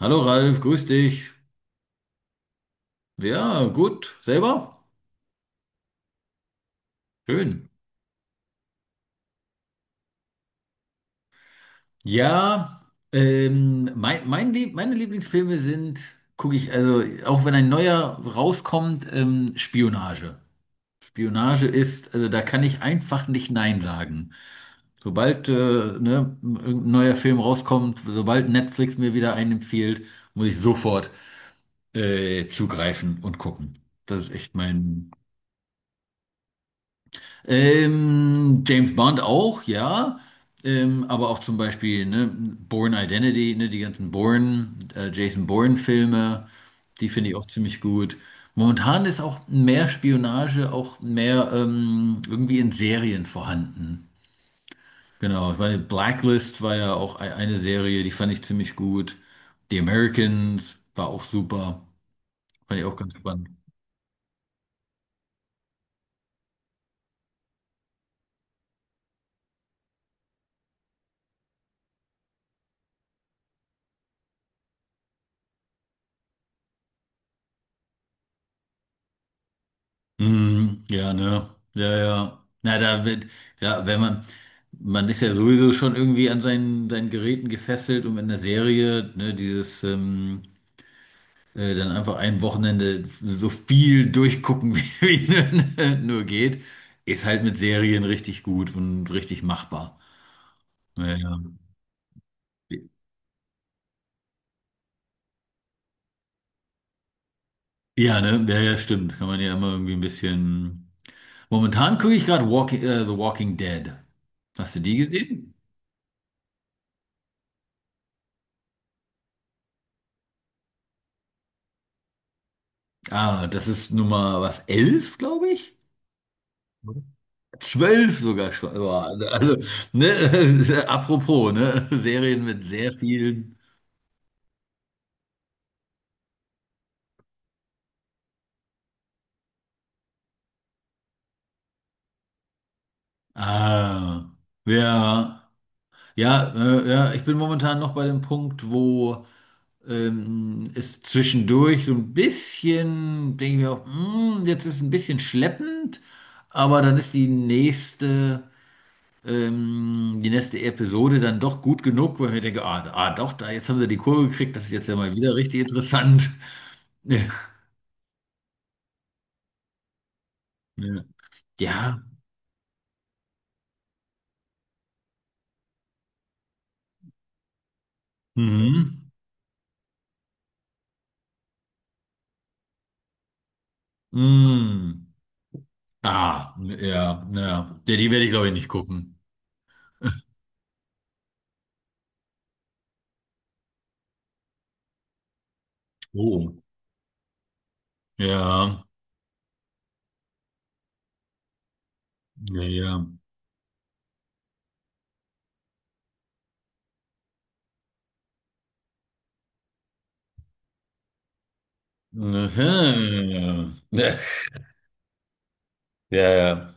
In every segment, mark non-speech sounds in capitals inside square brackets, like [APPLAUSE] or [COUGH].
Hallo Ralf, grüß dich. Ja, gut. Selber? Schön. Ja, meine Lieblingsfilme sind, gucke ich, also auch wenn ein neuer rauskommt, Spionage. Spionage ist, also da kann ich einfach nicht Nein sagen. Sobald ne, ein neuer Film rauskommt, sobald Netflix mir wieder einen empfiehlt, muss ich sofort zugreifen und gucken. Das ist echt mein. James Bond auch, ja. Aber auch zum Beispiel ne, Bourne Identity, ne, die ganzen Bourne, Jason Bourne-Filme, die finde ich auch ziemlich gut. Momentan ist auch mehr Spionage, auch mehr irgendwie in Serien vorhanden. Genau, weil Blacklist war ja auch eine Serie, die fand ich ziemlich gut. The Americans war auch super, fand ich auch ganz spannend. Mm, ja, ne? Ja, ja. Na, da wird, ja, wenn man, man ist ja sowieso schon irgendwie an seinen Geräten gefesselt und in der Serie, ne, dieses, dann einfach ein Wochenende so viel durchgucken, [LAUGHS] wie, wie nur geht, ist halt mit Serien richtig gut und richtig machbar. Ja, ja. Ja, ne? Ja, ja, stimmt. Kann man ja immer irgendwie ein bisschen. Momentan gucke ich gerade The Walking Dead. Hast du die gesehen? Ah, das ist Nummer was, 11, glaube ich? Mhm. 12 sogar schon. Boah, also, ne, [LAUGHS] apropos, ne? Serien mit sehr vielen. Ah, ja, ja, ja, ich bin momentan noch bei dem Punkt, wo es zwischendurch so ein bisschen, denke ich mir auch, hm, jetzt ist es ein bisschen schleppend, aber dann ist die nächste. Die nächste Episode dann doch gut genug, weil ich denke, ah, ah doch, da jetzt haben sie die Kurve gekriegt, das ist jetzt ja mal wieder richtig interessant. [LAUGHS] Ja. Ja. Mhm. Mhm. Ah, ja, ja. Ja, die werde ich, glaube ich, nicht gucken. Oh. Ja, ja, ja. Mhm. [LAUGHS] Ja, ja.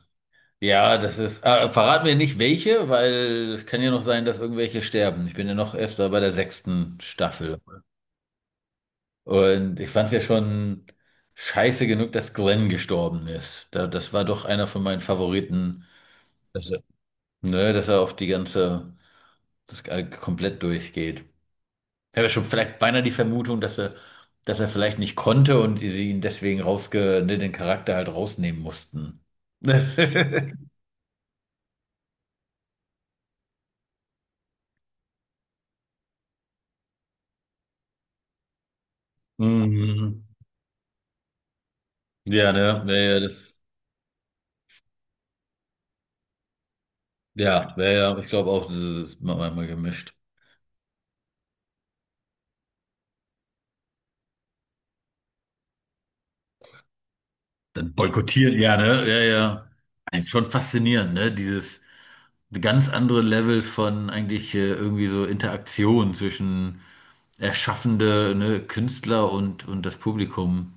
Ja, das ist. Ah, verrat mir nicht welche, weil es kann ja noch sein, dass irgendwelche sterben. Ich bin ja noch erst bei der sechsten Staffel. Und ich fand es ja schon scheiße genug, dass Glenn gestorben ist. Da, das war doch einer von meinen Favoriten, dass er, ne, dass er auf die ganze, das komplett durchgeht. Ich habe ja schon vielleicht beinahe die Vermutung, dass er vielleicht nicht konnte und sie ihn deswegen ne, den Charakter halt rausnehmen mussten. [LAUGHS] Mhm. Ja, ne, wäre ja das, ja, wäre ja, ich glaube auch, das ist mal einmal gemischt. Dann boykottieren, ja, ne? Ja, ja. Ist schon faszinierend, ne? Dieses ganz andere Level von eigentlich irgendwie so Interaktion zwischen erschaffende, ne, Künstler und das Publikum.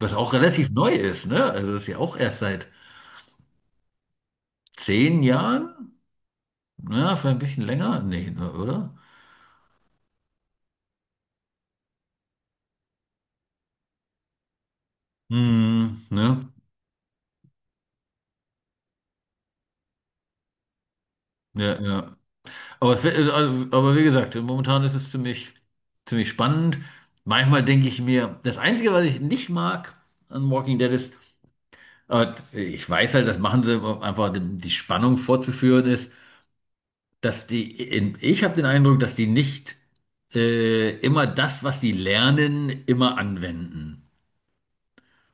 Was auch relativ neu ist, ne? Also das ist ja auch erst seit 10 Jahren, ja, vielleicht ein bisschen länger, nee, ne, oder? Hm, ne? Ja, ja. Aber wie gesagt, momentan ist es ziemlich, ziemlich spannend. Manchmal denke ich mir, das Einzige, was ich nicht mag an Walking Dead ist, ich weiß halt, das machen sie, um einfach die Spannung vorzuführen ist, dass ich habe den Eindruck, dass die nicht immer das, was die lernen, immer anwenden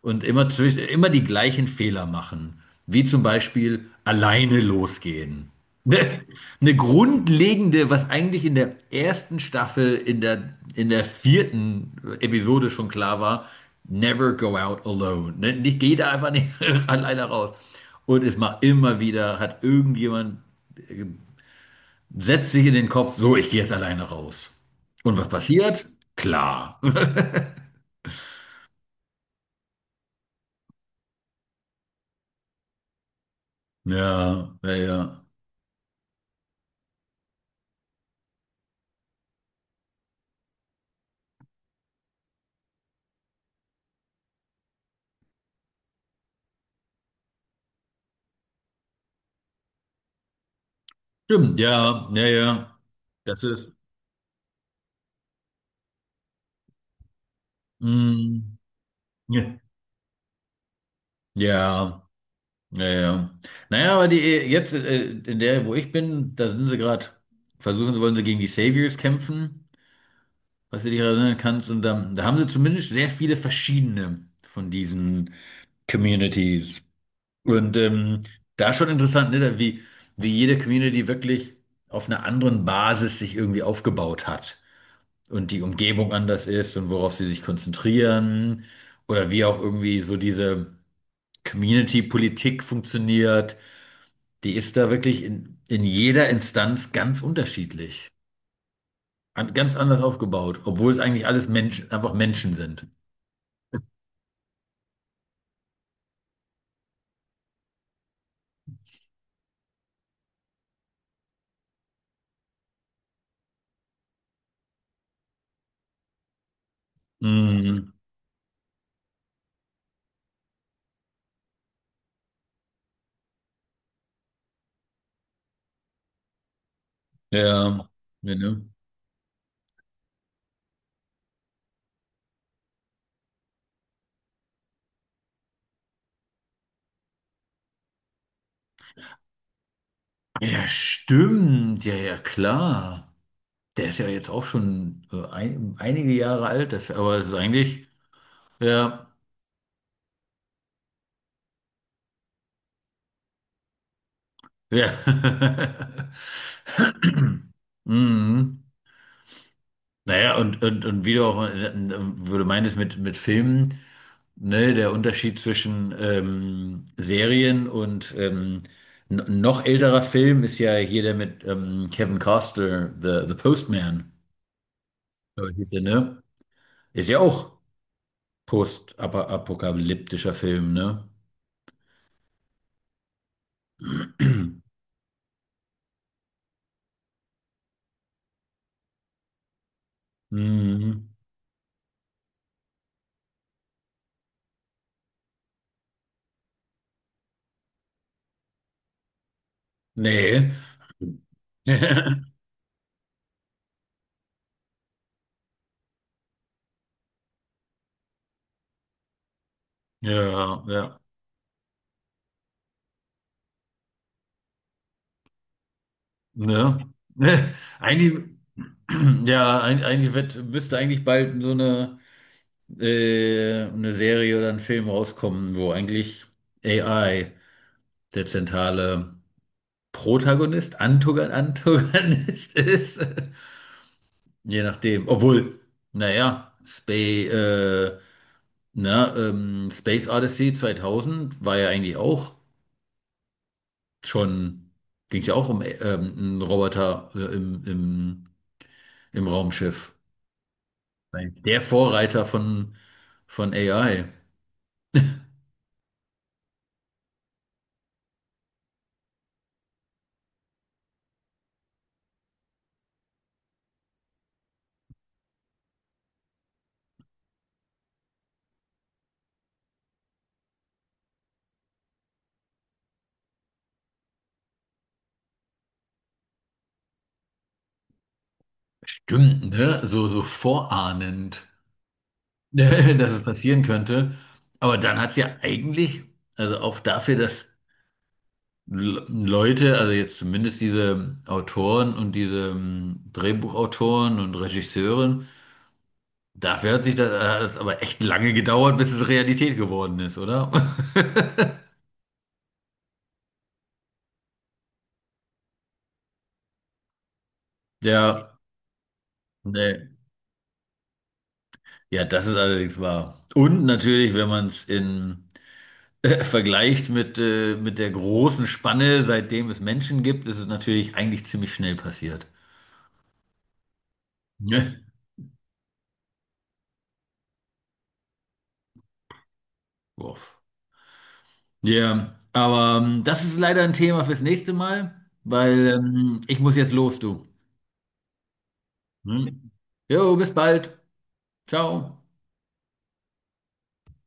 und immer die gleichen Fehler machen. Wie zum Beispiel alleine losgehen. [LAUGHS] Eine grundlegende, was eigentlich in der ersten Staffel, in der vierten Episode schon klar war, never go out alone. Ne? Nicht, geh da einfach nicht [LAUGHS] alleine raus. Und es macht immer wieder, hat irgendjemand, äh, setzt sich in den Kopf, so, ich gehe jetzt alleine raus. Und was passiert? Klar. [LAUGHS] Ja, ja, ja. Stimmt, ja, ja, ja. Das ist. mm, ja, ja, ja, ja. Naja, aber die jetzt, in der, wo ich bin, da sind sie gerade, versuchen, wollen sie gegen die Saviors kämpfen, was du dich erinnern kannst. Und da, da haben sie zumindest sehr viele verschiedene von diesen Communities. Und da schon interessant, ne, da wie jede Community wirklich auf einer anderen Basis sich irgendwie aufgebaut hat. Und die Umgebung anders ist und worauf sie sich konzentrieren oder wie auch irgendwie so diese Community-Politik funktioniert, die ist da wirklich in jeder Instanz ganz unterschiedlich, ganz anders aufgebaut, obwohl es eigentlich alles Menschen, einfach Menschen sind. Mhm. Ja, ja, ne? Ja, stimmt, ja, ja, klar. Der ist ja jetzt auch schon ein, einige Jahre alt, der Fe- aber es ist eigentlich, ja, ja. [LAUGHS] [CLEARS THROAT] Mhm. Naja, und wie du auch, wo du meintest mit Filmen, ne, der Unterschied zwischen Serien und n- noch älterer Film ist ja hier der mit Kevin Costner, The, The Postman, glaub hieß der, ne? Ist ja auch postapokalyptischer Film, ne? [CLEARS THROAT] Mhm. Nee. [LAUGHS] Ja, ja. Ne? [LAUGHS] Eigentlich, [CLEARS THROAT] ja, eigentlich wird, müsste eigentlich bald so eine Serie oder ein Film rauskommen, wo eigentlich AI der zentrale Protagonist, Antogon Antagonist [LAUGHS] ist. Je nachdem. Obwohl, naja, Space Odyssey 2000 war ja eigentlich auch schon, ging es ja auch um einen Roboter im Raumschiff. Der Vorreiter von AI. Stimmt, ne? So, so vorahnend, [LAUGHS] dass es passieren könnte. Aber dann hat es ja eigentlich, also auch dafür, dass Leute, also jetzt zumindest diese Autoren und diese Drehbuchautoren und Regisseuren, dafür hat sich das, hat es aber echt lange gedauert, bis es Realität geworden ist, oder? [LAUGHS] Ja, nee. Ja, das ist allerdings wahr. Und natürlich, wenn man es in [LAUGHS] vergleicht mit der großen Spanne, seitdem es Menschen gibt, ist es natürlich eigentlich ziemlich schnell passiert. Ne? [LAUGHS] Uff. Ja, aber das ist leider ein Thema fürs nächste Mal, weil ich muss jetzt los, du. Hm? Jo, bis bald. Ciao.